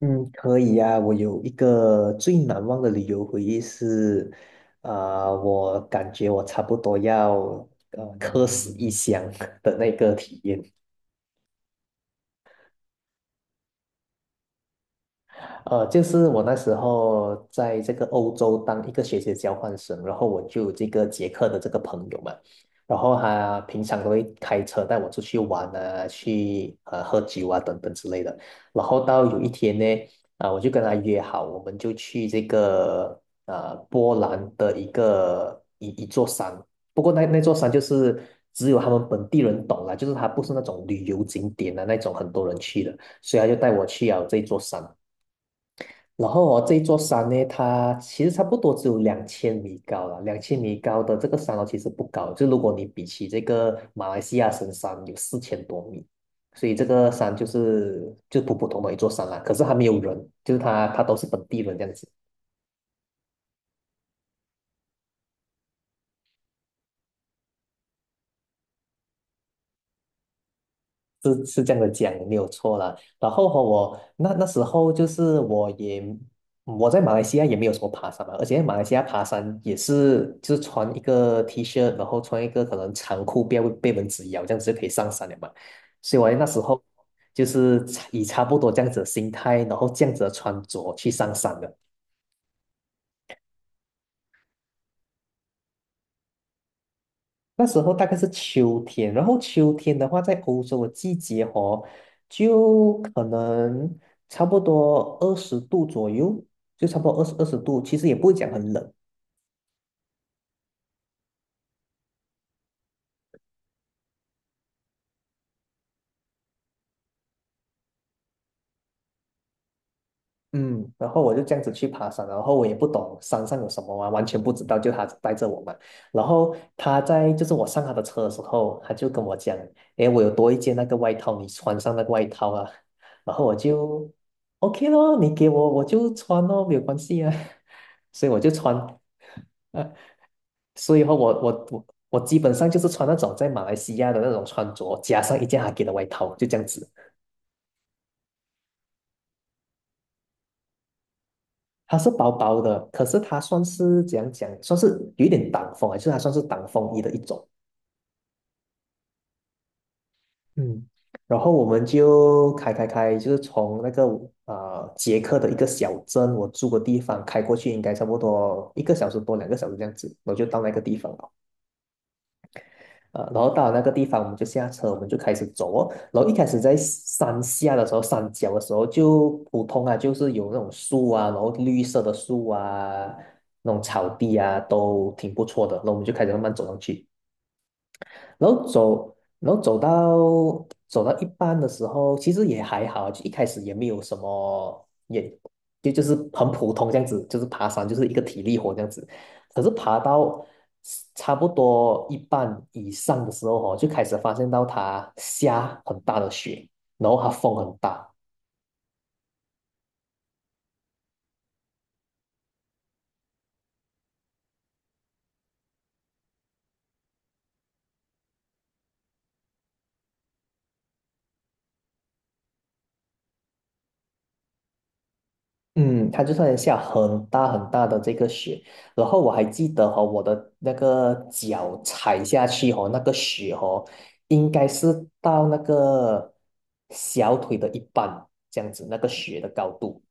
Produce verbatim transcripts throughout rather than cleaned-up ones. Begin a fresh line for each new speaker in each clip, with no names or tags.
嗯，可以呀、我有一个最难忘的旅游回忆是，啊、我感觉我差不多要呃客死异乡 的那个体验。呃，就是我那时候在这个欧洲当一个学习交换生，然后我就有这个捷克的这个朋友嘛，然后他平常都会开车带我出去玩啊，去呃喝酒啊等等之类的。然后到有一天呢，啊、我就跟他约好，我们就去这个呃波兰的一个一一座山，不过那那座山就是只有他们本地人懂啦，就是它不是那种旅游景点的那种很多人去的，所以他就带我去了这座山。然后哦，这一座山呢，它其实差不多只有两千米高了。两千米高的这个山哦，其实不高。就如果你比起这个马来西亚神山有四千多米，所以这个山就是就普普通通的一座山啦。可是还没有人，就是它它都是本地人这样子。是是这样的讲，没有错啦。然后和我那那时候就是我也我在马来西亚也没有什么爬山嘛，而且马来西亚爬山也是就是穿一个 T 恤，然后穿一个可能长裤，不要被蚊子咬，这样子就可以上山了嘛。所以我那时嗯候就是以差不多这样子的心态，然后这样子的穿着去上山的。那时候大概是秋天，然后秋天的话，在欧洲的季节哦，就可能差不多二十度左右，就差不多二十二十度，其实也不会讲很冷，嗯，然后我就这样子去爬山，然后我也不懂山上有什么啊，完全不知道，就他带着我嘛。然后他在就是我上他的车的时候，他就跟我讲，诶，我有多一件那个外套，你穿上那个外套啊。然后我就 OK 咯，你给我我就穿咯，没有关系啊。所以我就穿，呃，所以后我我我我基本上就是穿那种在马来西亚的那种穿着，加上一件他给的外套，就这样子。它是薄薄的，可是它算是怎样讲，算是有一点挡风啊，就是它算是挡风衣的一种。嗯然后我们就开开开，就是从那个呃捷克的一个小镇，我住的地方开过去，应该差不多一个小时多、两个小时这样子，我就到那个地方了。呃，然后到了那个地方，我们就下车，我们就开始走哦。然后一开始在山下的时候，山脚的时候就普通啊，就是有那种树啊，然后绿色的树啊，那种草地啊，都挺不错的。那我们就开始慢慢走上去。然后走，然后走到走到一半的时候，其实也还好，就一开始也没有什么，也就就是很普通这样子，就是爬山就是一个体力活这样子。可是爬到差不多一半以上的时候哦，就开始发现到它下很大的雪，然后它风很大。嗯，它就算下很大很大的这个雪，然后我还记得哈、我的那个脚踩下去哦，那个雪哦，应该是到那个小腿的一半这样子，那个雪的高度。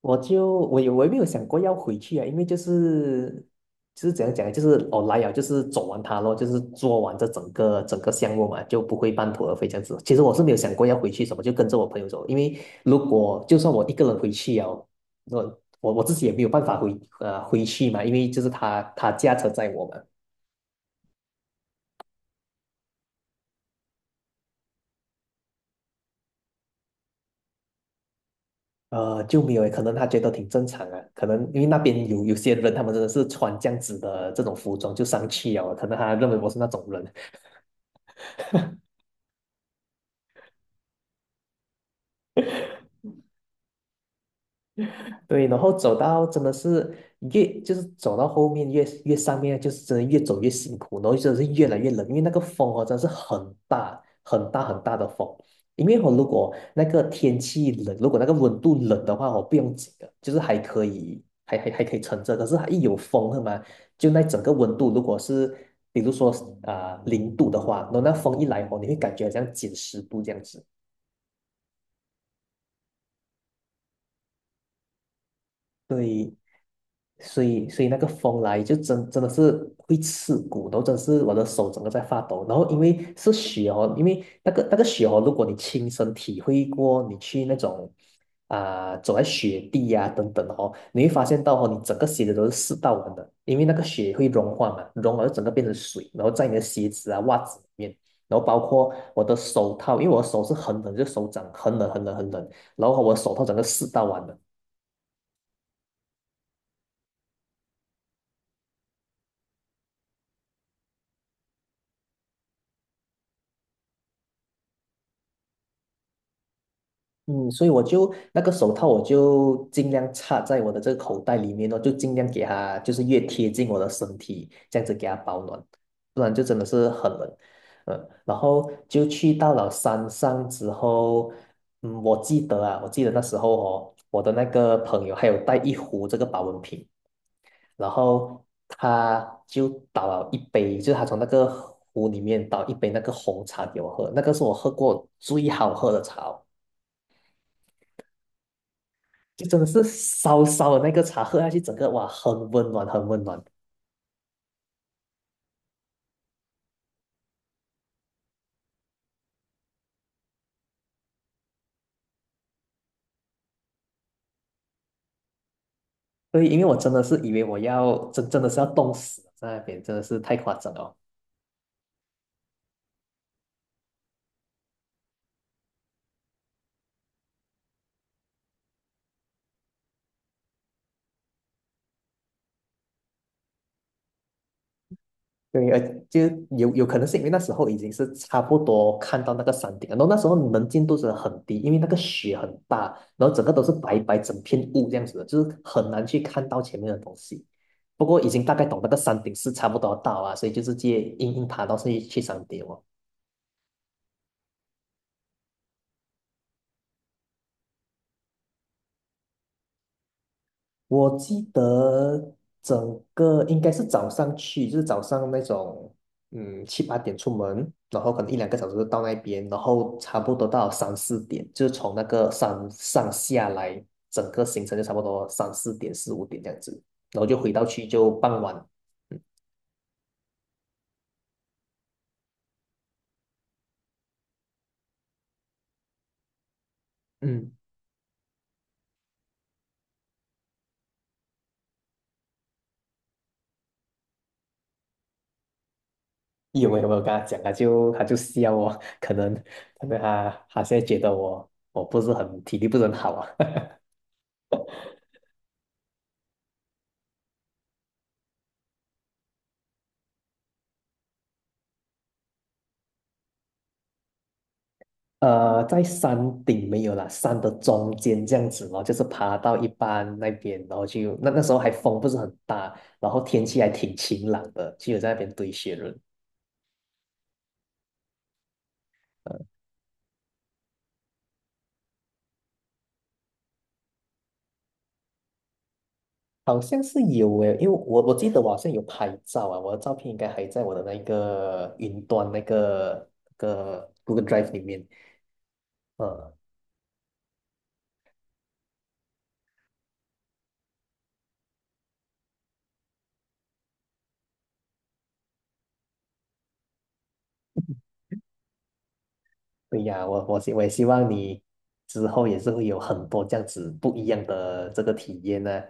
我就我有我也没有想过要回去啊，因为就是就是怎样讲呢，就是我来了就是走完它咯，就是做完这整个整个项目嘛，就不会半途而废这样子。其实我是没有想过要回去什么，就跟着我朋友走，因为如果就算我一个人回去了，我我我自己也没有办法回呃回去嘛，因为就是他他驾车载我嘛。呃，就没有诶可能他觉得挺正常啊，可能因为那边有有些人，他们真的是穿这样子的这种服装就上去了，可能他认为我是那种人。对，然后走到真的是越就是走到后面越越上面，就是真的越走越辛苦，然后真的是越来越冷，因为那个风哦真的是很大很大很大的风。因为我如果那个天气冷，如果那个温度冷的话哦，我不用紧的，就是还可以还还还可以撑着。可是它一有风是吗？就那整个温度，如果是比如说啊零、度的话，然后那风一来哦，你会感觉好像减十度这样子。对，所以所以那个风来就真真的是会刺骨，然后真的是我的手整个在发抖。然后因为是雪哦，因为那个那个雪哦，如果你亲身体会过，你去那种啊、走在雪地呀、等等哦，你会发现到哦，你整个鞋子都是湿到完的，因为那个雪会融化嘛，融了就整个变成水，然后在你的鞋子啊、袜子里面。然后包括我的手套，因为我的手是很冷，就手掌很冷很冷很冷，然后我的手套整个湿到完了。嗯，所以我就那个手套，我就尽量插在我的这个口袋里面哦，就尽量给它，就是越贴近我的身体，这样子给它保暖，不然就真的是很冷。嗯，然后就去到了山上之后，嗯，我记得啊，我记得那时候哦，我的那个朋友还有带一壶这个保温瓶，然后他就倒了一杯，就是他从那个壶里面倒一杯那个红茶给我喝，那个是我喝过最好喝的茶哦就真的是烧烧的那个茶喝下去，整个哇，很温暖，很温暖。对，因为我真的是以为我要真真的是要冻死了在那边，真的是太夸张了。对，呃，就有有可能是因为那时候已经是差不多看到那个山顶了，然后那时候能见度是很低，因为那个雪很大，然后整个都是白白整片雾这样子的，就是很难去看到前面的东西。不过已经大概懂那个山顶是差不多要到啊，所以就是直接硬硬爬到去去山顶哦。我记得整个应该是早上去，就是早上那种，嗯，七八点出门，然后可能一两个小时就到那边，然后差不多到三四点，就是从那个山上下来，整个行程就差不多三四点、四五点这样子，然后就回到去就傍晚。嗯，嗯有没有没有跟他讲他就他就笑我，可能可能他他现在觉得我我不是很体力不是很好啊。呃，在山顶没有啦，山的中间这样子咯，就是爬到一半那边，然后就那那时候还风不是很大，然后天气还挺晴朗的，就有在那边堆雪人。呃好像是有诶，因为我我记得我好像有拍照啊，我的照片应该还在我的那个云端那个那个 Google Drive 里面。呃，对呀，我我希我也希望你之后也是会有很多这样子不一样的这个体验呢、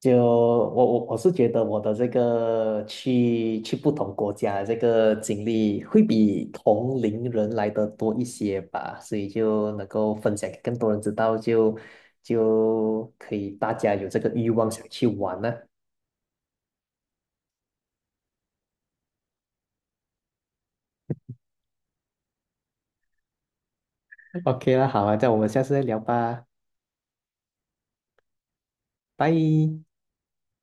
就我我我是觉得我的这个去去不同国家的这个经历会比同龄人来的多一些吧，所以就能够分享给更多人知道，就就可以大家有这个欲望想去玩呢、OK 啦，好啊，这样我们下次再聊吧，拜。